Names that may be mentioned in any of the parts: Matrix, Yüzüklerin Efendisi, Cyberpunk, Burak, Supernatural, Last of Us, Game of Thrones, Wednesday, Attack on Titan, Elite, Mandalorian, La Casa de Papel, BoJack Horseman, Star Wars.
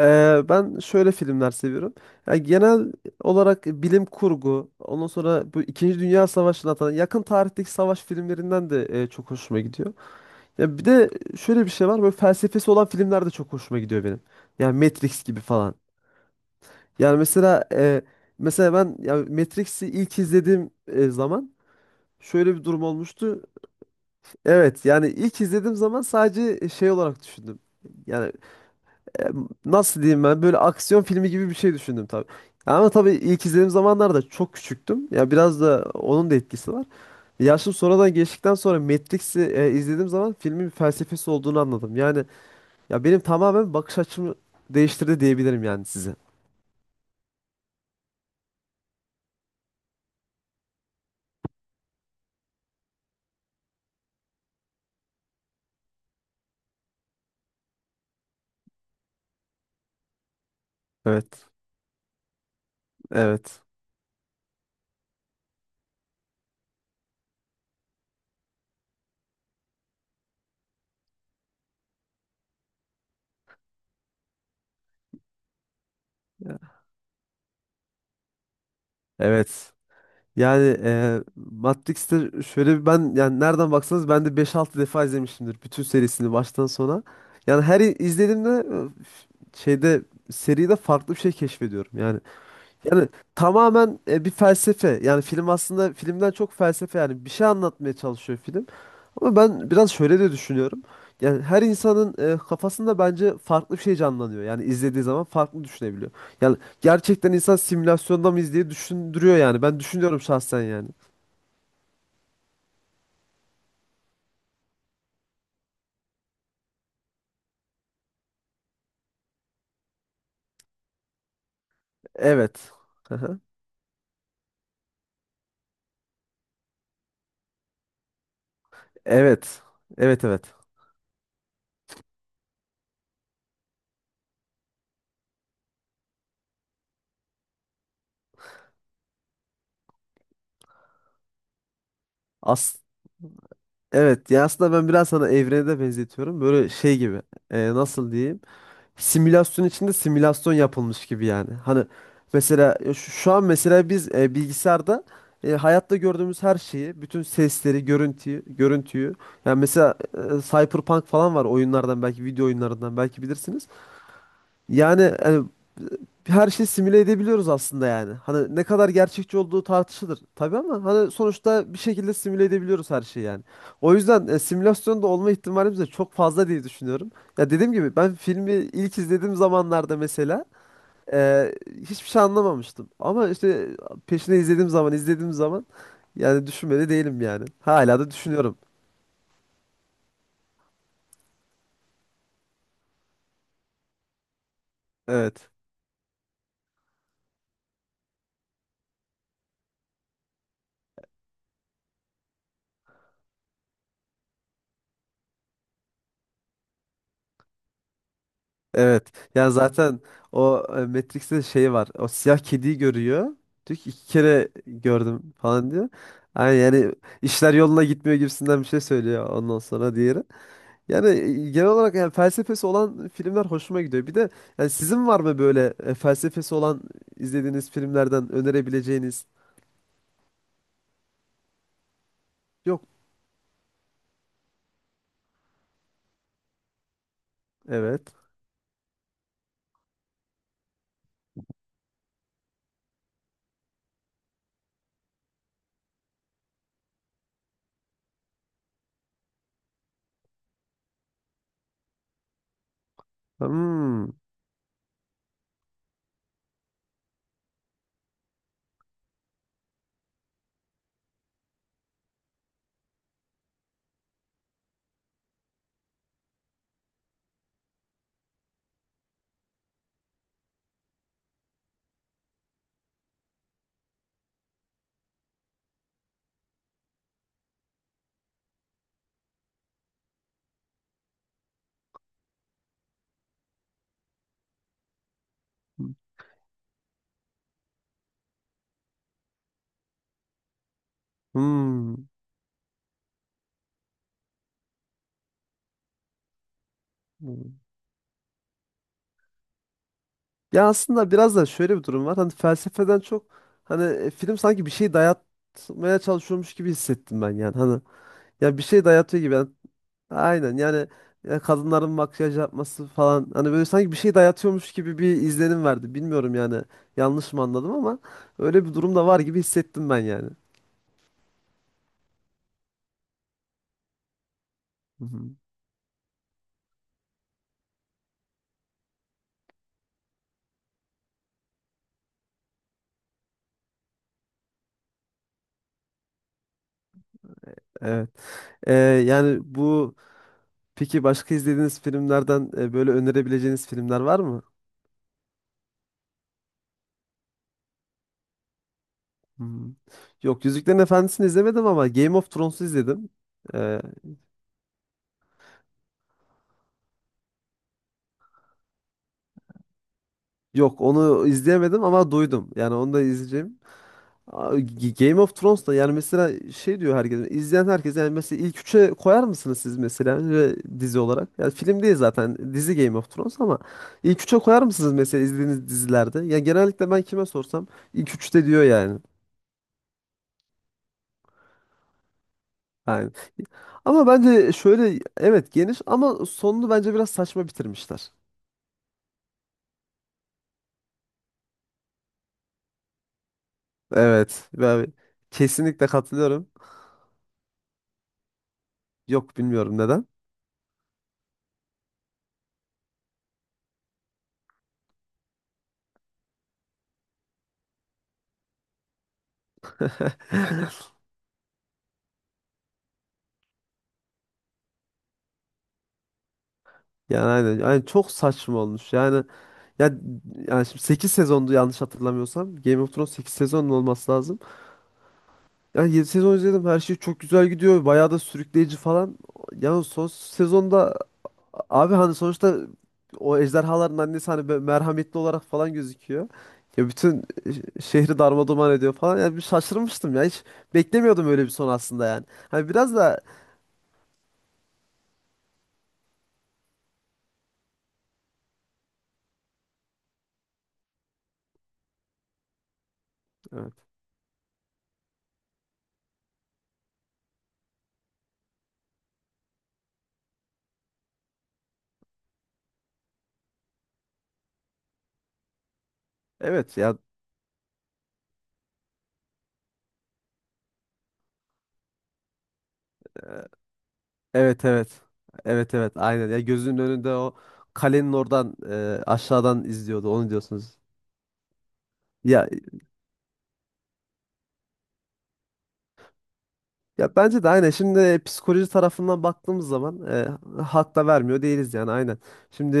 Ben şöyle filmler seviyorum. Ya genel olarak bilim kurgu, ondan sonra bu İkinci Dünya Savaşı'nı atan yakın tarihteki savaş filmlerinden de çok hoşuma gidiyor. Ya bir de şöyle bir şey var, böyle felsefesi olan filmler de çok hoşuma gidiyor benim. Yani Matrix gibi falan. Yani mesela ben ya Matrix'i ilk izlediğim zaman şöyle bir durum olmuştu. Evet, yani ilk izlediğim zaman sadece şey olarak düşündüm. Yani nasıl diyeyim ben böyle aksiyon filmi gibi bir şey düşündüm tabii. Ama tabii ilk izlediğim zamanlarda çok küçüktüm. Ya biraz da onun da etkisi var. Yaşım sonradan geçtikten sonra Matrix'i izlediğim zaman filmin bir felsefesi olduğunu anladım. Yani ya benim tamamen bakış açımı değiştirdi diyebilirim yani size. Evet. Evet. Evet. Yani Matrix'te şöyle bir ben yani nereden baksanız ben de beş altı defa izlemişimdir bütün serisini baştan sona. Yani her i- izlediğimde e, f- şeyde seride farklı bir şey keşfediyorum. Yani tamamen bir felsefe. Yani film aslında filmden çok felsefe, yani bir şey anlatmaya çalışıyor film. Ama ben biraz şöyle de düşünüyorum. Yani her insanın kafasında bence farklı bir şey canlanıyor. Yani izlediği zaman farklı düşünebiliyor. Yani gerçekten insan simülasyonda mıyız diye düşündürüyor yani. Ben düşünüyorum şahsen yani. Evet. Aha. Evet. Evet, evet. As evet, ya aslında ben biraz sana evrene de benzetiyorum. Böyle şey gibi. Nasıl diyeyim? Simülasyon içinde simülasyon yapılmış gibi yani. Hani mesela şu an mesela biz bilgisayarda, hayatta gördüğümüz her şeyi, bütün sesleri, görüntüyü. Yani mesela Cyberpunk falan var oyunlardan, belki video oyunlarından belki bilirsiniz. Yani hani, her şeyi simüle edebiliyoruz aslında yani. Hani ne kadar gerçekçi olduğu tartışılır tabii, ama hani sonuçta bir şekilde simüle edebiliyoruz her şeyi yani. O yüzden simülasyonda olma ihtimalimiz de çok fazla diye düşünüyorum. Ya dediğim gibi ben filmi ilk izlediğim zamanlarda mesela e, hiçbir şey anlamamıştım. Ama işte peşine izlediğim zaman yani düşünmedi değilim yani. Hala da düşünüyorum. Evet. Evet. Ya zaten o Matrix'te şey var. O siyah kediyi görüyor. Diyor ki iki kere gördüm falan diyor. Yani, işler yoluna gitmiyor gibisinden bir şey söylüyor ondan sonra diğeri. Yani genel olarak yani felsefesi olan filmler hoşuma gidiyor. Bir de yani sizin var mı böyle felsefesi olan izlediğiniz filmlerden önerebileceğiniz? Yok. Evet. Hmm. Hmm. Hmm. Ya aslında biraz da şöyle bir durum var. Hani felsefeden çok hani film sanki bir şey dayatmaya çalışıyormuş gibi hissettim ben yani. Hani ya bir şey dayatıyor gibi. Yani aynen yani, ya kadınların makyaj yapması falan, hani böyle sanki bir şey dayatıyormuş gibi bir izlenim verdi. Bilmiyorum yani, yanlış mı anladım, ama öyle bir durum da var gibi hissettim ben yani. Hı hı. Evet. Yani bu, peki başka izlediğiniz filmlerden böyle önerebileceğiniz filmler var mı? Hmm. Yok, Yüzüklerin Efendisi'ni izlemedim ama Game of Thrones'u izledim. Ee, Yok, onu izleyemedim ama duydum. Yani onu da izleyeceğim. Game of Thrones da yani, mesela şey diyor herkes, izleyen herkes yani, mesela ilk üçe koyar mısınız siz mesela ve dizi olarak? Yani film değil zaten, dizi Game of Thrones, ama ilk üçe koyar mısınız mesela izlediğiniz dizilerde? Ya genellikle ben kime sorsam ilk üçte diyor yani. Yani. Ama bence şöyle, evet geniş ama sonunu bence biraz saçma bitirmişler. Evet. Ben kesinlikle katılıyorum. Yok, bilmiyorum neden. Yani aynen. Yani çok saçma olmuş. Ya yani şimdi 8 sezondu yanlış hatırlamıyorsam. Game of Thrones 8 sezonun olması lazım. Yani 7 sezon izledim. Her şey çok güzel gidiyor. Bayağı da sürükleyici falan. Yani son sezonda abi, hani sonuçta o ejderhaların annesi hani böyle merhametli olarak falan gözüküyor. Ya bütün şehri darmadağın ediyor falan. Yani bir şaşırmıştım ya. Hiç beklemiyordum öyle bir son aslında yani. Hani biraz da. Evet ya, e, evet evet. Evet evet aynen. Ya gözünün önünde o kalenin oradan aşağıdan izliyordu onu diyorsunuz. Ya ya bence de aynen. Şimdi psikoloji tarafından baktığımız zaman hak da vermiyor değiliz yani aynen. Şimdi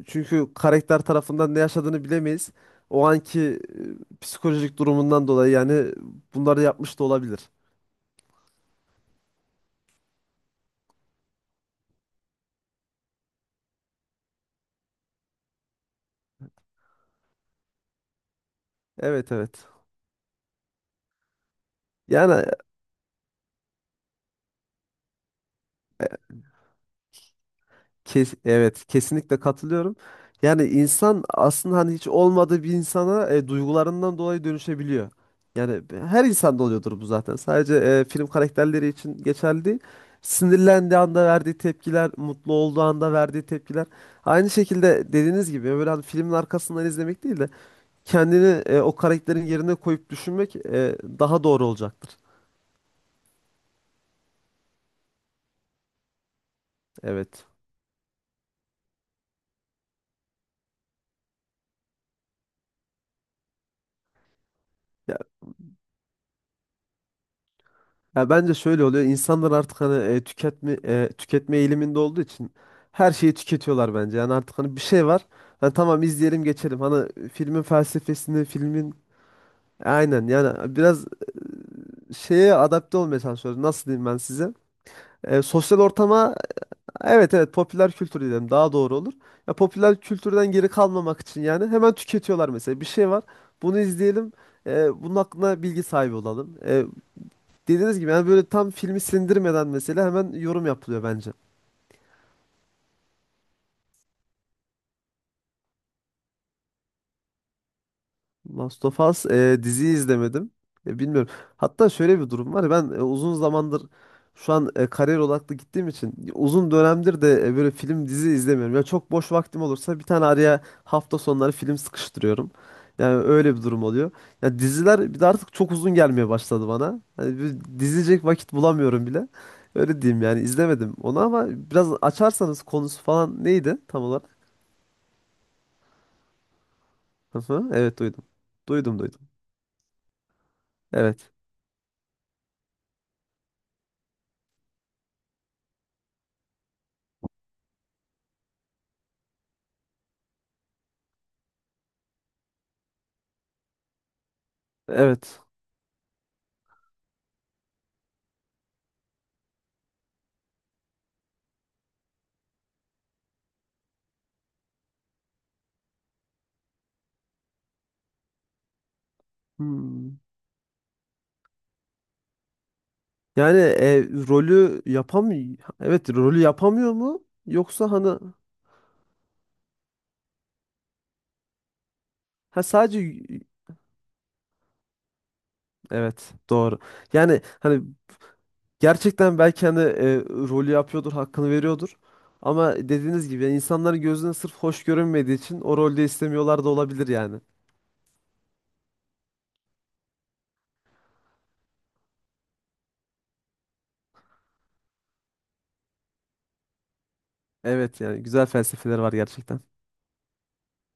çünkü karakter tarafından ne yaşadığını bilemeyiz. O anki psikolojik durumundan dolayı yani bunları yapmış da olabilir. Evet, evet. Yani evet, kesinlikle katılıyorum. Yani insan aslında hani hiç olmadığı bir insana duygularından dolayı dönüşebiliyor. Yani her insanda oluyordur bu zaten. Sadece film karakterleri için geçerli değil. Sinirlendiği anda verdiği tepkiler, mutlu olduğu anda verdiği tepkiler. Aynı şekilde dediğiniz gibi böyle hani filmin arkasından izlemek değil de kendini o karakterin yerine koyup düşünmek daha doğru olacaktır. Evet. Ya bence şöyle oluyor. İnsanlar artık hani tüketme eğiliminde olduğu için her şeyi tüketiyorlar bence. Yani artık hani bir şey var. Hani tamam izleyelim geçelim. Hani filmin felsefesini, filmin aynen yani biraz şeye adapte olmaya çalışıyoruz. Nasıl diyeyim ben size? Sosyal ortama, evet evet, popüler kültür diyelim daha doğru olur. Ya popüler kültürden geri kalmamak için yani hemen tüketiyorlar mesela. Bir şey var. Bunu izleyelim. Bunun hakkında bilgi sahibi olalım. Dediğiniz gibi yani böyle tam filmi sindirmeden mesela hemen yorum yapılıyor bence. Last of Us diziyi izlemedim. Bilmiyorum. Hatta şöyle bir durum var. Ben uzun zamandır, şu an kariyer odaklı gittiğim için uzun dönemdir de böyle film dizi izlemiyorum. Ya çok boş vaktim olursa bir tane araya hafta sonları film sıkıştırıyorum. Yani öyle bir durum oluyor. Ya diziler bir de artık çok uzun gelmeye başladı bana. Hani bir dizecek vakit bulamıyorum bile. Öyle diyeyim, yani izlemedim onu ama biraz açarsanız konusu falan neydi tam olarak? Aha, evet duydum. Duydum, duydum. Evet. Evet. Hmm. Yani e, rolü yapam Evet, rolü yapamıyor mu? Yoksa hani, ha, sadece, evet, doğru. Yani hani gerçekten belki hani rolü yapıyordur, hakkını veriyordur. Ama dediğiniz gibi yani insanların gözüne sırf hoş görünmediği için o rolde istemiyorlar da olabilir yani. Evet, yani güzel felsefeler var gerçekten.